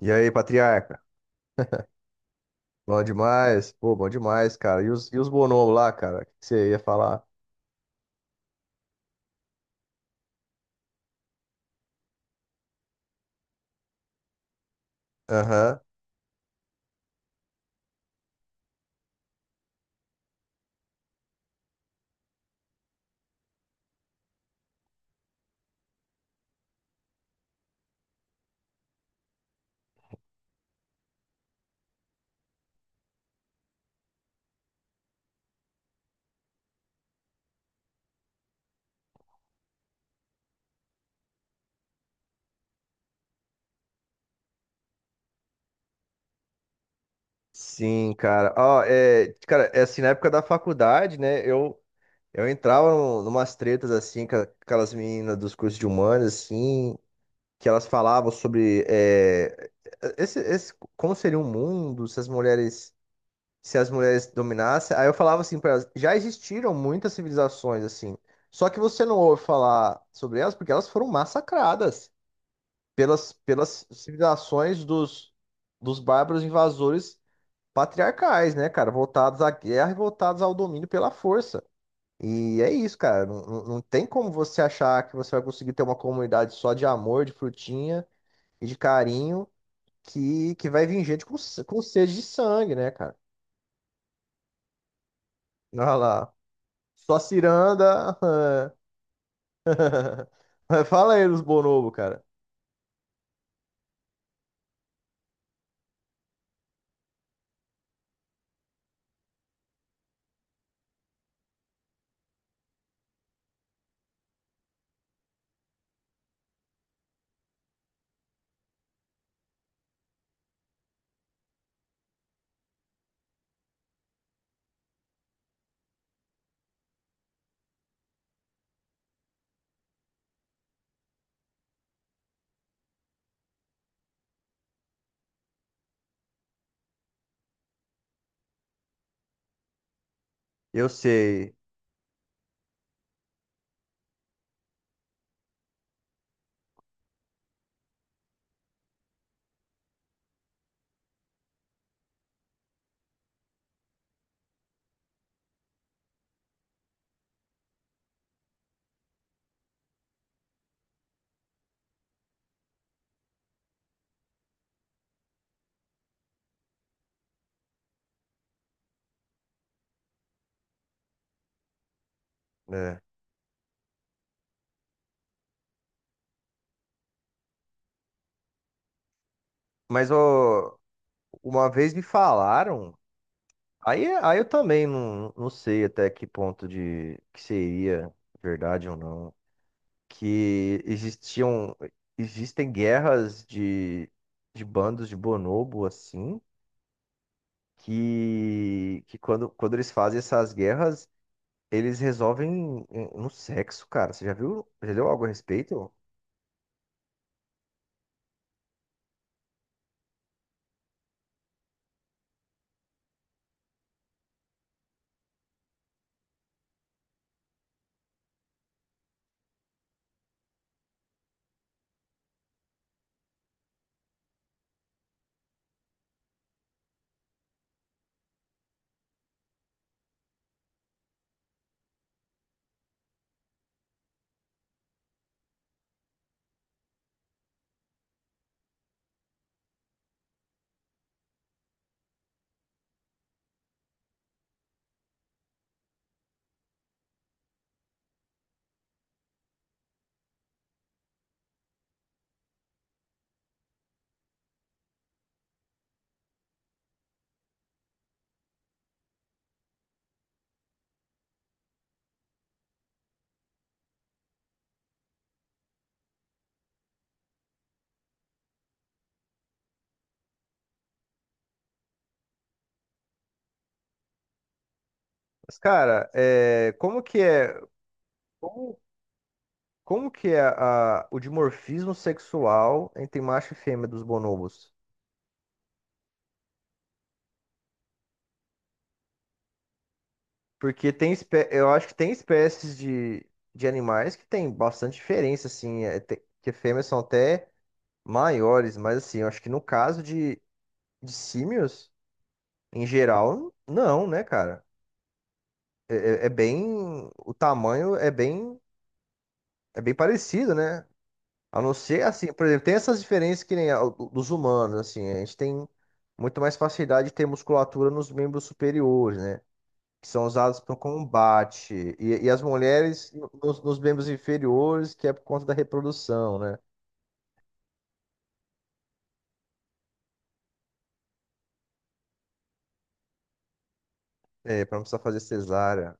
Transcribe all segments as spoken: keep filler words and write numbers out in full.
E aí, patriarca? Bom demais? Pô, bom demais, cara. E os, e os bonobos lá, cara? O que que você ia falar? Aham. Sim, cara. Ó, é, cara, é assim, na época da faculdade, né? Eu, eu entrava num, numas tretas, assim, com a- com aquelas meninas dos cursos de humanas, assim, que elas falavam sobre é, esse, esse- como seria o mundo se as mulheres se as mulheres dominassem. Aí eu falava assim para elas, já existiram muitas civilizações assim, só que você não ouve falar sobre elas porque elas foram massacradas pelas, pelas civilizações dos, dos bárbaros invasores patriarcais, né, cara, voltados à guerra e voltados ao domínio pela força. E é isso, cara. Não, não não tem como você achar que você vai conseguir ter uma comunidade só de amor, de frutinha e de carinho que, que vai vir gente com, com sede de sangue, né, cara? Olha lá. Só ciranda. Mas fala aí dos bonobo, cara. Eu sei, né? Mas ó, uma vez me falaram, aí, aí eu também não, não sei até que ponto de que seria verdade ou não, que existiam existem guerras de, de bandos de bonobo assim, que, que quando, quando eles fazem essas guerras, eles resolvem eh, no sexo, cara. Você já viu? Já leu algo a respeito? Mas, cara, é, como que é, como, como que é a- o dimorfismo sexual entre macho e fêmea dos bonobos? Porque tem, espé- eu acho que tem espécies de, de animais que tem bastante diferença, assim, é, te- que fêmeas são até maiores, mas assim, eu acho que no caso de, de símios, em geral, não, né, cara? É, é- é bem, o tamanho é bem, é bem parecido, né? A não ser, assim, por exemplo, tem essas diferenças que nem a do- dos humanos, assim, a gente tem muito mais facilidade de ter musculatura nos membros superiores, né? Que são usados para o combate. E, e as mulheres no- nos, nos membros inferiores, que é por conta da reprodução, né? É, para não precisar fazer cesárea.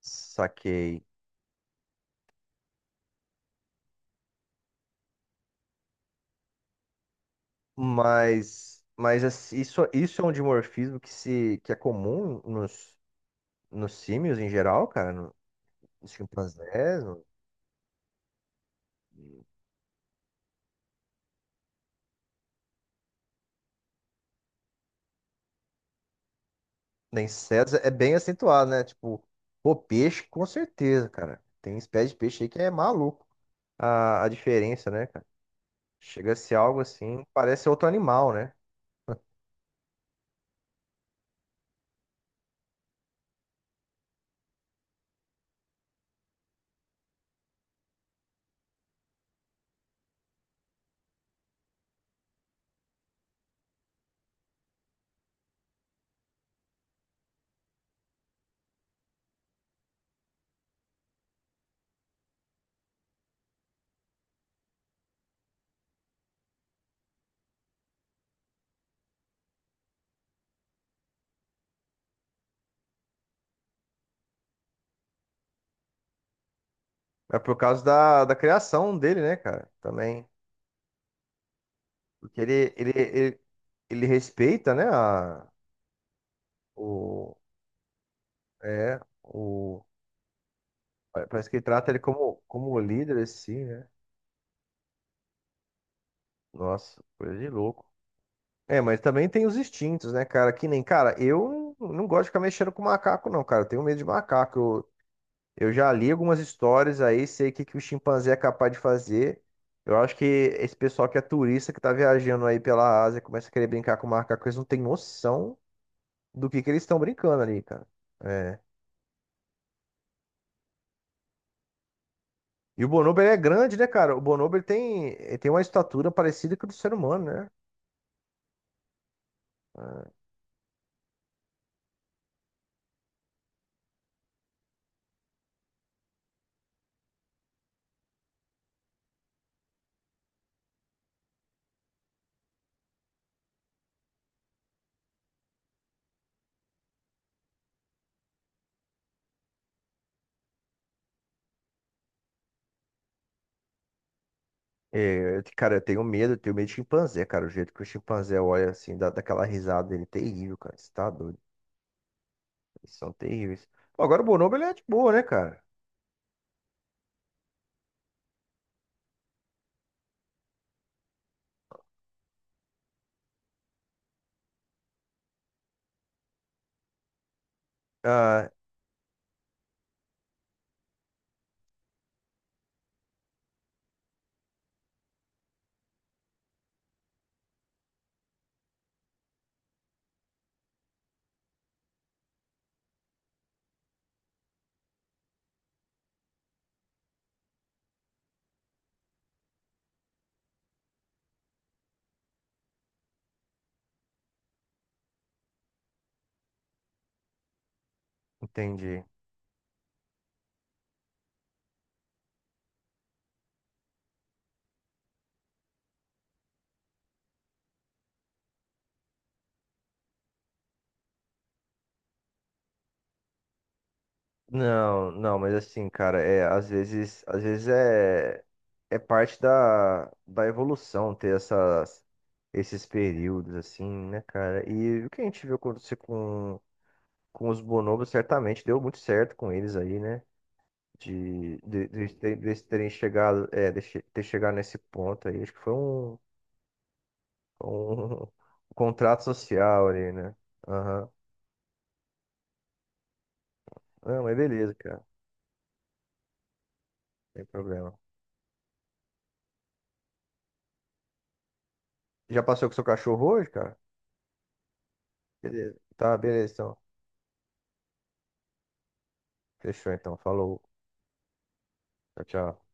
Saquei. Mas, mas assim, isso, isso é um dimorfismo que, se, que é comum nos, nos símios em geral, cara, no- nos chimpanzés. Nem insetos é bem acentuado, né? Tipo, pô, peixe, com certeza, cara. Tem espécie de peixe aí que é maluco a, a diferença, né, cara? Chega a ser algo assim, parece outro animal, né? É por causa da, da criação dele, né, cara? Também. Porque ele, ele, ele, ele respeita, né, a, o, é, o, parece que ele trata ele como, como líder, assim, né? Nossa, coisa de louco. É, mas também tem os instintos, né, cara? Que nem, cara, eu não gosto de ficar mexendo com macaco, não, cara. Eu tenho medo de macaco. Eu, eu já li algumas histórias aí, sei o que, que o chimpanzé é capaz de fazer. Eu acho que esse pessoal que é turista, que tá viajando aí pela Ásia, começa a querer brincar com macaco, eles não têm noção do que, que eles estão brincando ali, cara. É. E o bonobo, ele é grande, né, cara? O bonobo, ele tem, ele tem uma estatura parecida com a do ser humano, né? É, eu te- cara, eu tenho medo, eu tenho medo de chimpanzé, cara. O jeito que o chimpanzé olha assim, dá daquela risada dele, terrível, cara. Você tá doido? Eles são terríveis. Pô, agora o bonobo, ele é de boa, né, cara? Ah, entendi. Não, não, mas assim, cara, é, às vezes, às vezes é, é parte da, da evolução ter essas, esses períodos, assim, né, cara? E o que a gente viu acontecer com, com os bonobos, certamente deu muito certo com eles aí, né? de, de, de, de- deles terem chegado, é, de che- ter chegado nesse ponto aí. Acho que foi um, um contrato social ali, né? Aham. Não, mas beleza, cara. Sem problema. Já passou com seu cachorro hoje, cara? Beleza. Tá, beleza, então. Fechou, então. Falou. Tchau, tchau.